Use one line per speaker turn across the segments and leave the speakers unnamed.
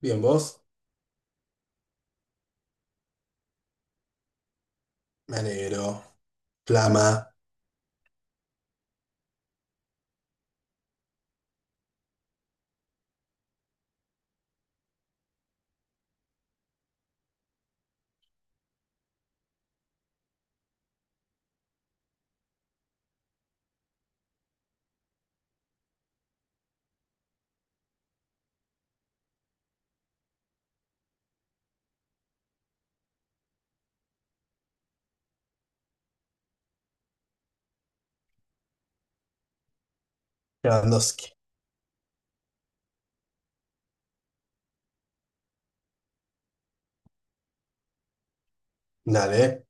Bien, vos. Me alegro. Flama. Lewandowski. Dale,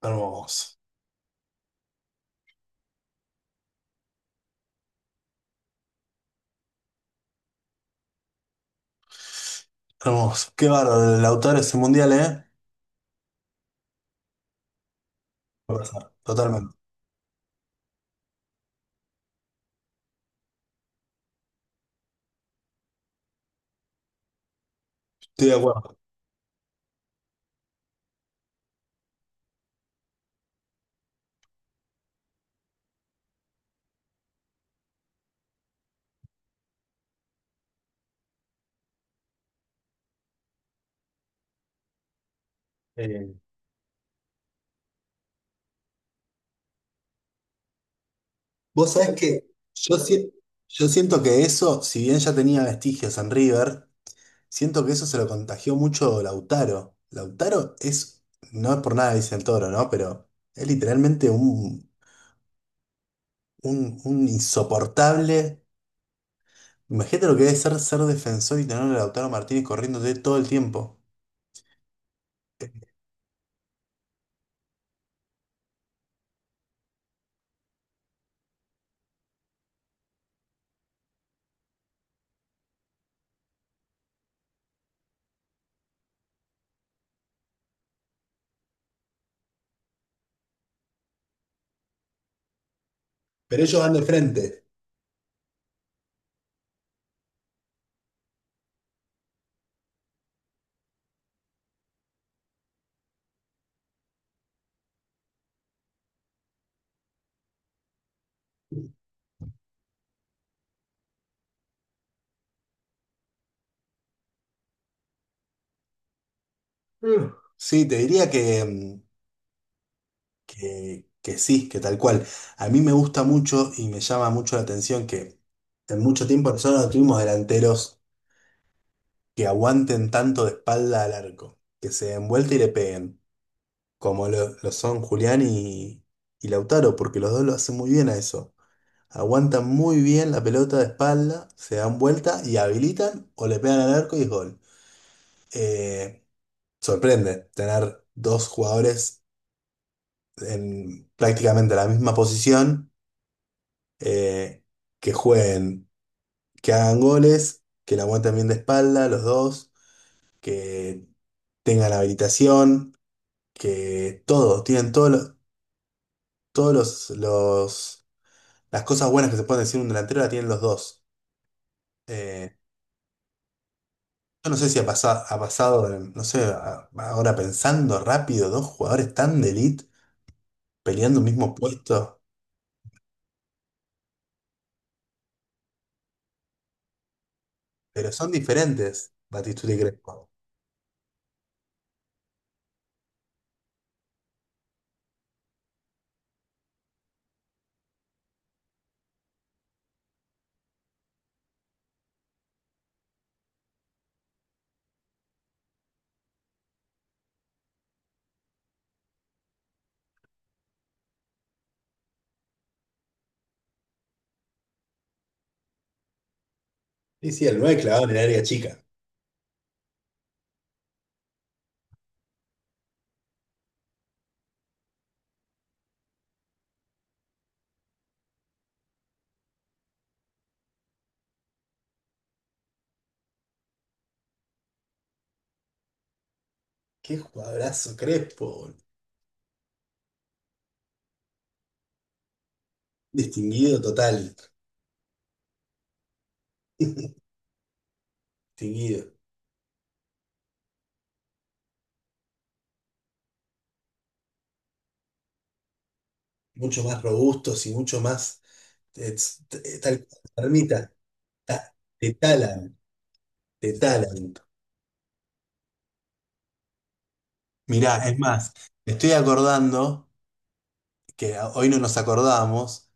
hermoso. Hermoso. Qué bárbaro el autor ese mundial, ¿eh? Va a pasar. Totalmente. Estoy de acuerdo. Eh, Vos sabés que yo, si- yo siento que eso, si bien ya tenía vestigios en River, siento que eso se lo contagió mucho Lautaro. Lautaro es, no es por nada, dice el toro, ¿no? Pero es literalmente un insoportable. Imagínate lo que debe ser ser defensor y tener a Lautaro Martínez corriéndote todo el tiempo. Pero ellos van de frente. Mm. Sí, te diría que sí, que tal cual. A mí me gusta mucho y me llama mucho la atención que en mucho tiempo nosotros no tuvimos delanteros que aguanten tanto de espalda al arco, que se den vuelta y le peguen, como lo son Julián y Lautaro, porque los dos lo hacen muy bien a eso. Aguantan muy bien la pelota de espalda, se dan vuelta y habilitan o le pegan al arco y es gol. Eh, Sorprende tener dos jugadores en prácticamente la misma posición, eh, que jueguen, que hagan goles, que la aguanten bien de espalda los dos, que tengan habilitación, que todo, tienen todos los, los- las cosas buenas que se pueden decir un delantero la tienen los dos. Eh, Yo no sé si ha pasado, no sé, ahora pensando rápido, dos jugadores tan de elite peleando un mismo puesto, pero son diferentes, Batistuta y Crespo. Sí, sí, el 9 clavado en el área chica. Qué jugadorazo Crespo, boludo. Distinguido total. Distinguido. Mucho más robustos y mucho más. eh, Tal ermita. Te talan, te talan. Mirá, es más, me estoy acordando que hoy no nos acordamos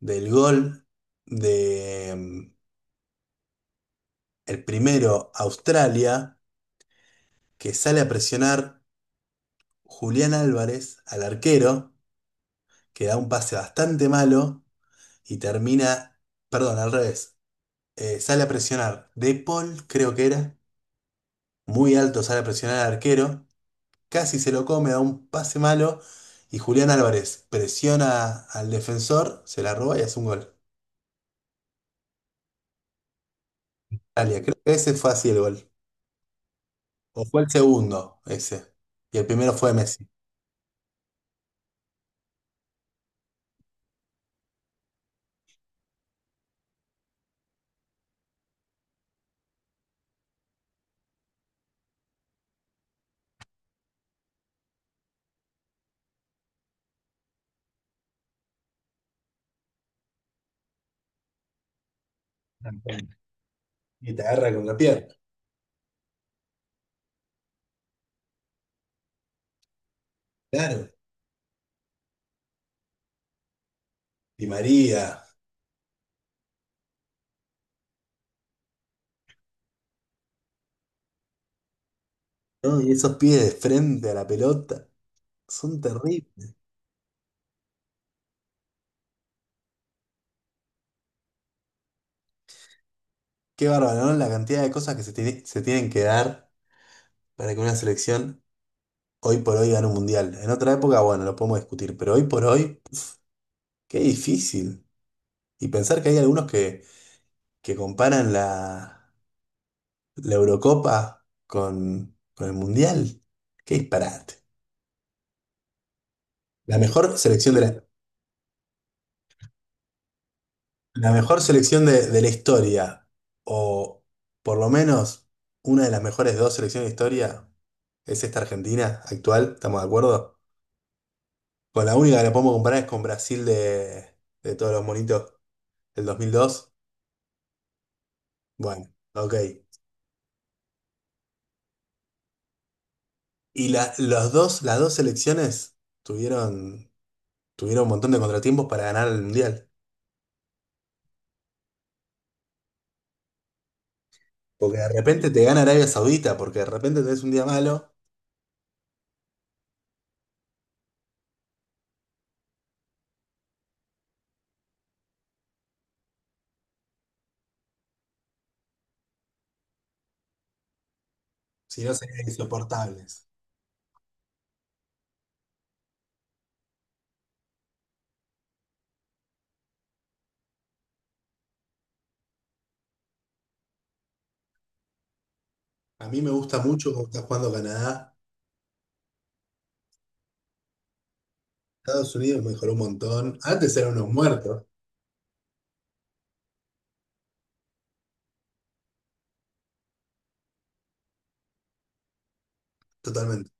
del gol de el primero Australia, que sale a presionar Julián Álvarez al arquero, que da un pase bastante malo y termina, perdón, al revés. Sale a presionar De Paul, creo que era, muy alto sale a presionar al arquero, casi se lo come, da un pase malo y Julián Álvarez presiona al defensor, se la roba y hace un gol. Australia, creo que ese fue así el gol. O fue el segundo ese. Y el primero fue Messi. Y te agarra con la pierna. Claro. Y María. ¿No? Y esos pies de frente a la pelota son terribles. Qué bárbaro, ¿no? La cantidad de cosas que se tienen que dar para que una selección hoy por hoy gane un mundial. En otra época, bueno, lo podemos discutir, pero hoy por hoy, qué difícil. Y pensar que hay algunos que comparan la Eurocopa con el mundial. Qué disparate. La mejor selección de la, La mejor selección de la historia, o por lo menos una de las mejores dos selecciones de historia, es esta Argentina actual. ¿Estamos de acuerdo? Con la única que la podemos comparar es con Brasil de todos los monitos del 2002. Bueno, ok. Y los dos, las dos selecciones tuvieron, tuvieron un montón de contratiempos para ganar el Mundial. Porque de repente te gana Arabia Saudita, porque de repente tenés un día malo, si no serían insoportables. A mí me gusta mucho cómo está jugando Canadá. Estados Unidos mejoró un montón. Antes eran unos muertos. Totalmente.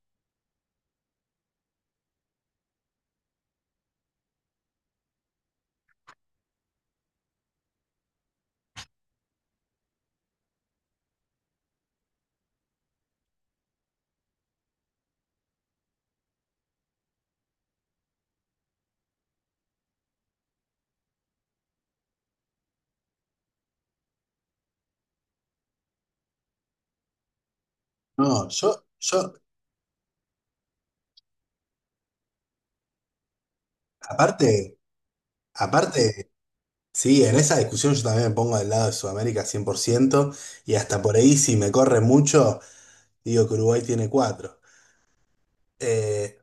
No, yo, aparte, aparte, sí, en esa discusión yo también me pongo del lado de Sudamérica 100%. Y hasta por ahí si me corre mucho, digo que Uruguay tiene cuatro. Eh,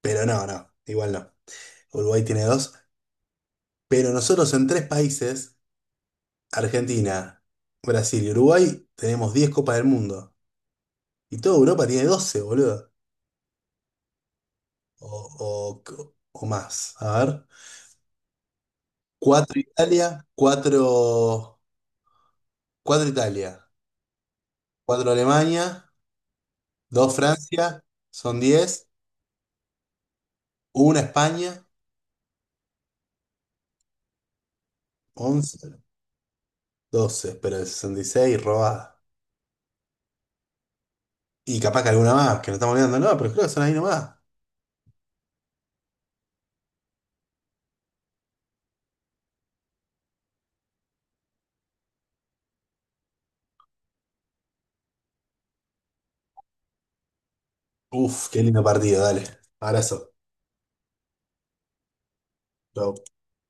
pero no, no, igual no. Uruguay tiene dos, pero nosotros en tres países, Argentina, Brasil y Uruguay, tenemos 10 Copas del Mundo. Y toda Europa tiene 12, boludo. O, o, o más. A ver. Cuatro Italia, cuatro Italia, cuatro Alemania, dos Francia, son 10, una España, 11, 12, pero el 66 robada. Y capaz que alguna más, que no estamos olvidando, no, pero creo que son ahí nomás. Uf, qué lindo partido, dale. Abrazo. Chau.